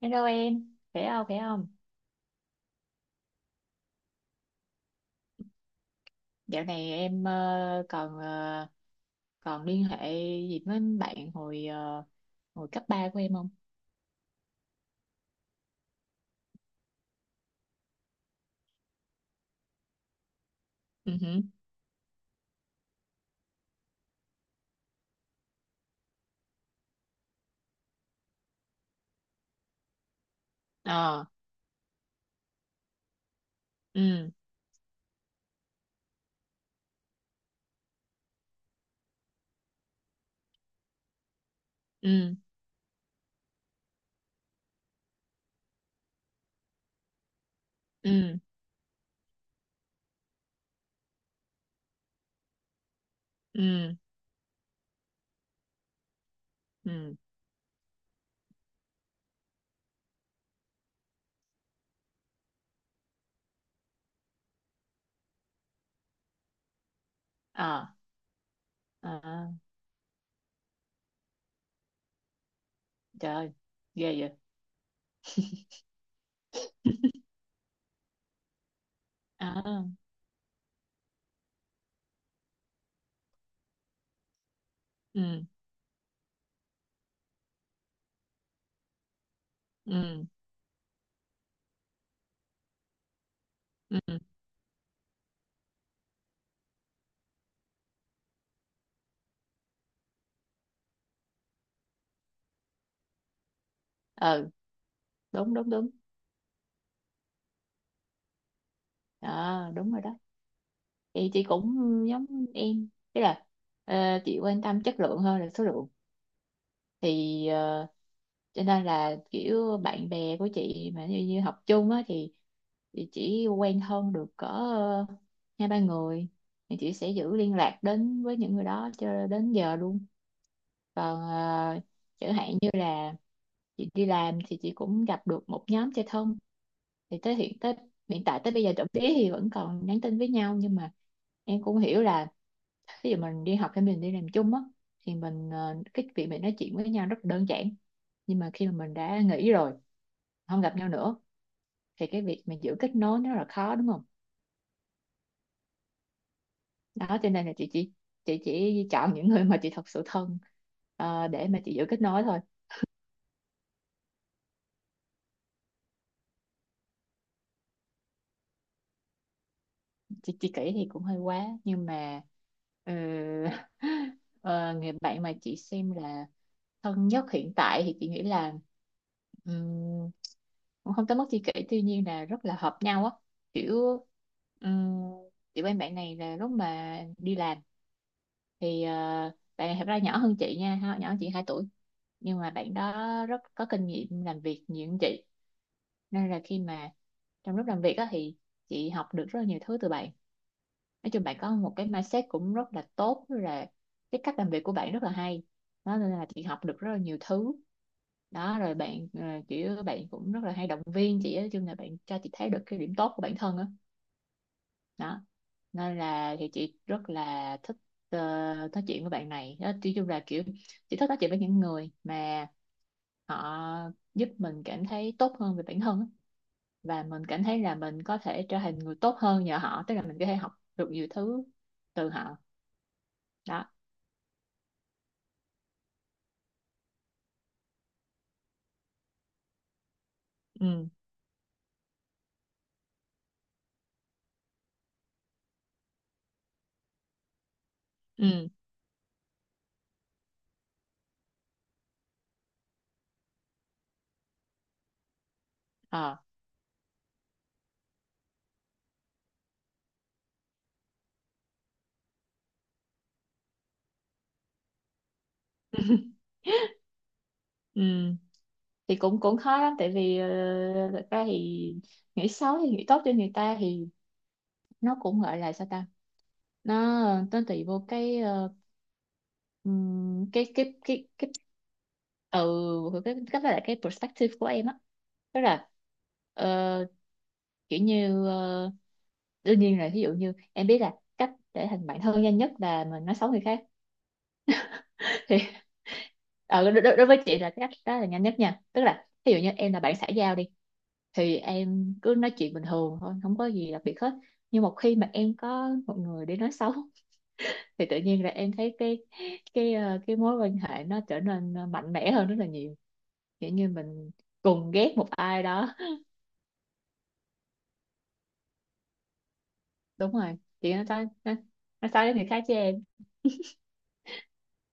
Hello em, khỏe không, khỏe không? Dạo này em còn còn liên hệ gì với bạn hồi hồi cấp 3 của em không? Ừ, hử. Ờ, ừ, ừ, ừ, ừ, ừ, ờ, ờ, trời ơi, ghê vậy! Ờ, ừ, ừ, ừ, ừ, đúng, đúng, đúng, ờ, đúng rồi đó. Thì chị cũng giống em, tức là ờ, chị quan tâm chất lượng hơn là số lượng. Thì cho nên là kiểu bạn bè của chị mà như học chung á thì chỉ quen thân được cỡ hai ba người thì chị sẽ giữ liên lạc đến với những người đó cho đến giờ luôn. Còn chẳng hạn như là chị đi làm thì chị cũng gặp được một nhóm chơi thân thì tới hiện tại tới bây giờ trộm vía thì vẫn còn nhắn tin với nhau, nhưng mà em cũng hiểu là ví dụ mình đi học hay mình đi làm chung á thì mình cái việc mình nói chuyện với nhau rất đơn giản, nhưng mà khi mà mình đã nghỉ rồi, không gặp nhau nữa, thì cái việc mà giữ kết nối nó rất là khó đúng không? Đó cho nên là chị chỉ chọn những người mà chị thật sự thân để mà chị giữ kết nối thôi. Chị kể thì cũng hơi quá, nhưng mà ờ, ờ, người bạn mà chị xem là thân nhất hiện tại thì chị nghĩ là ừm, cũng không tới mức chi kỷ, tuy nhiên là rất là hợp nhau á, kiểu um, kiểu em bạn này là lúc mà đi làm thì bạn này thật ra nhỏ hơn chị nha nhỏ hơn chị 2 tuổi, nhưng mà bạn đó rất có kinh nghiệm làm việc nhiều hơn chị. Nên là khi mà trong lúc làm việc á thì chị học được rất là nhiều thứ từ bạn. Nói chung bạn có một cái mindset cũng rất là tốt, rất là cái cách làm việc của bạn rất là hay, đó nên là chị học được rất là nhiều thứ. Đó rồi bạn kiểu bạn cũng rất là hay động viên chị á, nói chung là bạn cho chị thấy được cái điểm tốt của bản thân á. Đó. Nên là thì chị rất là thích ờ, nói chuyện với bạn này đó, nói chung là kiểu chị thích nói chuyện với những người mà họ giúp mình cảm thấy tốt hơn về bản thân á. Và mình cảm thấy là mình có thể trở thành người tốt hơn nhờ họ, tức là mình có thể học được nhiều thứ từ họ đó. Ừ, ừ, ờ, ừ, thì cũng cũng khó lắm tại vì thật ra thì nghĩ xấu thì nghĩ tốt cho người ta thì nó cũng gọi là sao ta, nó nó tùy vô cái cái ừ, cái perspective của em á, tức là ờ, kiểu như đương nhiên là ví dụ như em biết là cách để thành bạn thân nhanh nhất là mình nói xấu người khác. Thì. Ờ, đối, đối đối với chị là cái cách đó là nhanh nhất nha, tức là ví dụ như em là bạn xã giao đi thì em cứ nói chuyện bình thường thôi, không có gì đặc biệt hết. Nhưng một khi mà em có một người để nói xấu thì tự nhiên là em thấy cái cái mối quan hệ nó trở nên mạnh mẽ hơn rất là nhiều, kiểu như mình cùng ghét một ai đó. Đúng rồi, chị nói xấu đến người khác chứ em.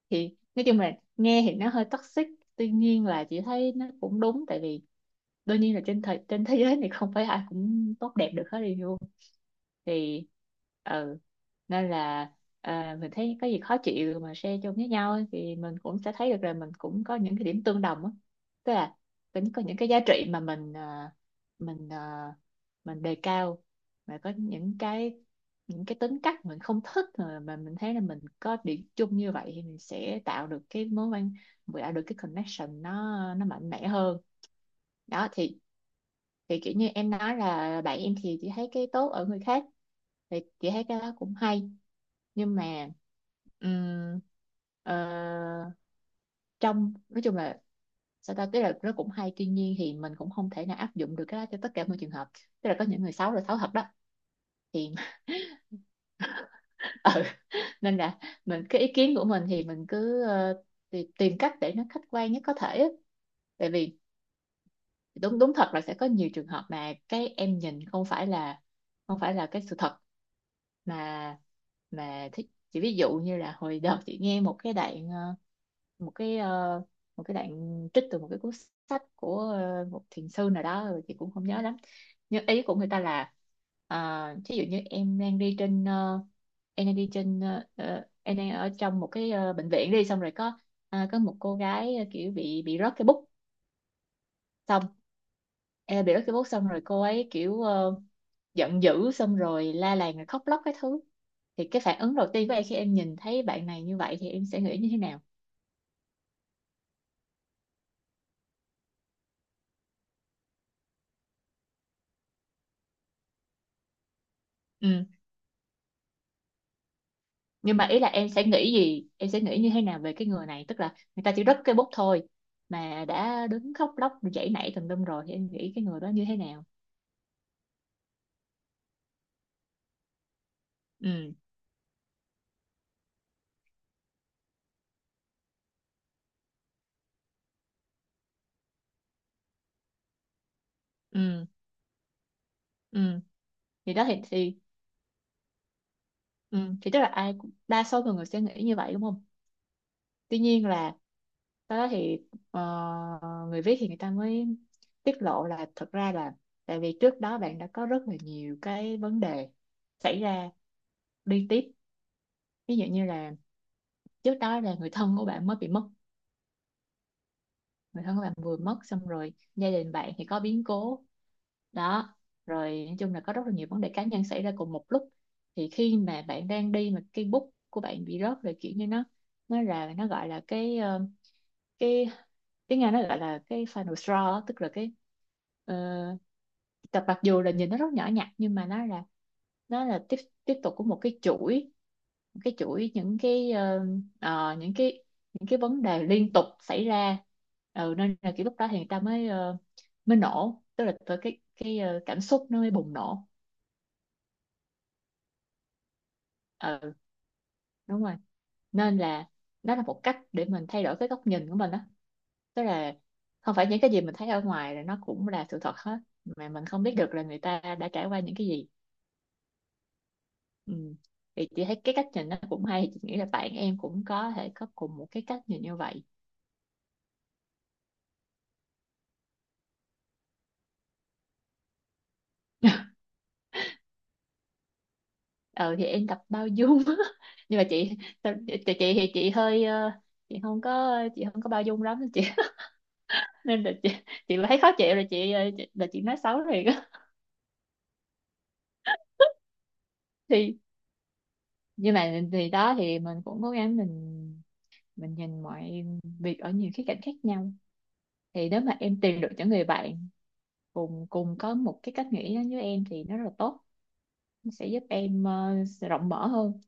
Thì nói chung là nghe thì nó hơi toxic, tuy nhiên là chị thấy nó cũng đúng, tại vì đương nhiên là trên thế giới này không phải ai cũng tốt đẹp được hết đi luôn. Thì ừ, nên là à, mình thấy có gì khó chịu mà share chung với nhau ấy, thì mình cũng sẽ thấy được là mình cũng có những cái điểm tương đồng á, tức là cũng có những cái giá trị mà mình à, mình đề cao, mà có những những cái tính cách mình không thích mà mình thấy là mình có điểm chung như vậy thì mình sẽ tạo được cái connection nó mạnh mẽ hơn. Đó thì kiểu như em nói là bạn em thì chị thấy cái tốt ở người khác thì chị thấy cái đó cũng hay, nhưng mà ừm, ờ, trong nói chung là sao ta, tức là nó cũng hay, tuy nhiên thì mình cũng không thể nào áp dụng được cái đó cho tất cả mọi trường hợp, tức là có những người xấu là xấu thật đó. Thì ừ, nên là mình cái ý kiến của mình thì mình cứ tìm cách để nó khách quan nhất có thể á. Tại vì đúng, đúng thật là sẽ có nhiều trường hợp mà cái em nhìn không phải là cái sự thật mà mà thích, chỉ ví dụ như là hồi đợt chị nghe một cái đoạn một cái ờ, một cái đoạn trích từ một cái cuốn sách của một thiền sư nào đó rồi chị cũng không nhớ lắm, nhưng ý của người ta là ví dụ như em đang đi trên ờ, em đang đi trên em đang ở trong một cái bệnh viện đi, xong rồi có à, có một cô gái kiểu bị rớt cái bút, xong em bị bắt cái bút xong rồi cô ấy kiểu giận dữ xong rồi la làng rồi khóc lóc cái thứ, thì cái phản ứng đầu tiên của em khi em nhìn thấy bạn này như vậy thì em sẽ nghĩ như thế nào? Ừ. Nhưng mà ý là em sẽ nghĩ gì, em sẽ nghĩ như thế nào về cái người này, tức là người ta chỉ rớt cái bút thôi mà đã đứng khóc lóc giãy nảy tùm lum rồi thì em nghĩ cái người đó như thế nào? Ừ, ừ, ừ, thì đó thì ừ. Thì tức là ai cũng- đa số mọi người sẽ nghĩ như vậy đúng không, tuy nhiên là sau đó thì ờ, người viết thì người ta mới tiết lộ là thật ra là tại vì trước đó bạn đã có rất là nhiều cái vấn đề xảy ra liên tiếp, ví dụ như là trước đó là người thân của bạn mới bị mất, người thân của bạn vừa mất xong rồi gia đình bạn thì có biến cố đó, rồi nói chung là có rất là nhiều vấn đề cá nhân xảy ra cùng một lúc. Thì khi mà bạn đang đi mà cái bút của bạn bị rớt rồi kiểu như nó gọi là cái cái tiếng Anh nó gọi là cái final straw á, tức là cái ờ, tập mặc dù là nhìn nó rất nhỏ nhặt nhưng mà nó là tiếp tiếp tục của một cái chuỗi, những cái những cái, những cái vấn đề liên tục xảy ra. Ừ, nên là kiểu lúc đó thì người ta mới mới nổ, tức là tới cảm xúc nó mới bùng nổ. Ừ, đúng rồi, nên là nó là một cách để mình thay đổi cái góc nhìn của mình đó, tức là không phải những cái gì mình thấy ở ngoài là nó cũng là sự thật hết, mà mình không biết được là người ta đã trải qua những cái gì. Ừ. Thì chị thấy cái cách nhìn nó cũng hay, chị nghĩ là bạn em cũng có thể có cùng một cái cách nhìn như vậy. Ờ thì em tập bao dung nhưng mà chị thì chị hơi chị không có bao dung lắm chị. Nên là chị thấy khó chịu rồi chị, ờ, chị là chị nói xấu liền á. Thì nhưng mà thì đó thì cũng cố gắng mình nhìn mọi việc ở nhiều khía cạnh khác nhau. Thì nếu mà em tìm được những người bạn cùng cùng có một cái cách nghĩ giống như em thì nó rất là tốt, nó sẽ giúp em sẽ rộng mở hơn.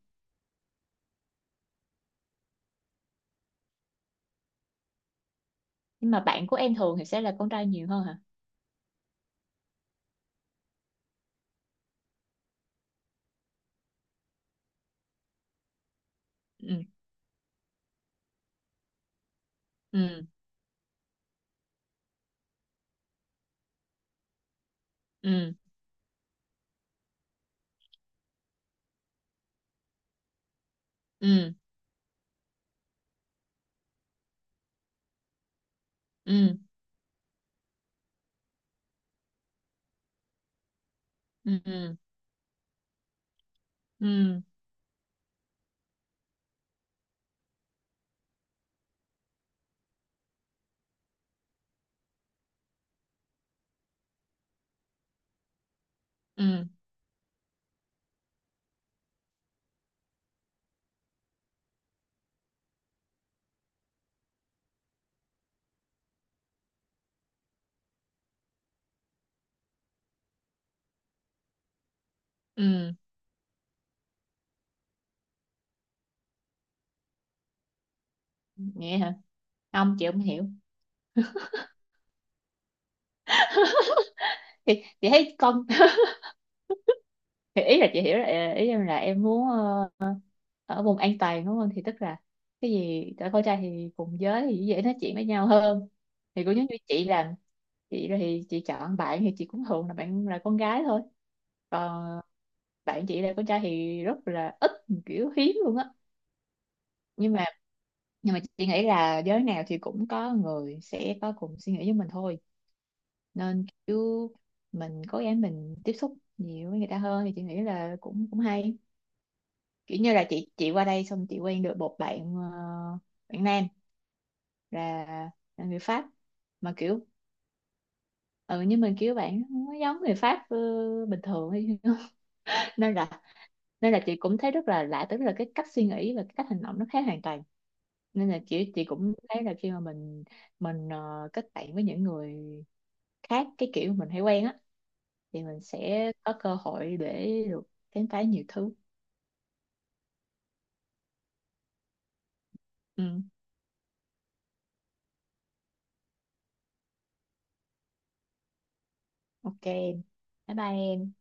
Nhưng mà bạn của em thường thì sẽ là con trai nhiều hơn hả? Ừ, ừ, ừ, ừ, ừ, ừ, ừ, ừ, ừ, ừ. Vậy hả, không chị không hiểu. Thì chị thấy con thì ý là chị hiểu là ý em là em muốn ở vùng an toàn đúng không, thì tức là cái gì tại con trai thì cùng giới thì dễ nói chuyện với nhau hơn. Thì cũng giống như chị làm, chị là thì chị chọn bạn thì chị cũng thường là bạn là con gái thôi, còn bạn chị là con trai thì rất là ít, kiểu hiếm luôn á. nhưng mà nhưng mà chị nghĩ là giới nào thì cũng có người sẽ có cùng suy nghĩ với mình thôi, nên kiểu mình cố gắng mình tiếp xúc nhiều với người ta hơn thì chị nghĩ là cũng cũng hay. Kiểu như là chị qua đây xong chị quen được một bạn bạn nam là, là người Pháp, mà kiểu ừ, nhưng mà kiểu bạn không có giống người Pháp bình thường ấy. nên là Nên là chị cũng thấy rất là lạ, tức là cái cách suy nghĩ và cái cách hành động nó khác hoàn toàn. Nên là chị cũng thấy là khi mà kết bạn với những người khác cái kiểu mình hay quen á thì mình sẽ có cơ hội để được khám phá nhiều thứ. Ừ, ok em. Bye bye em.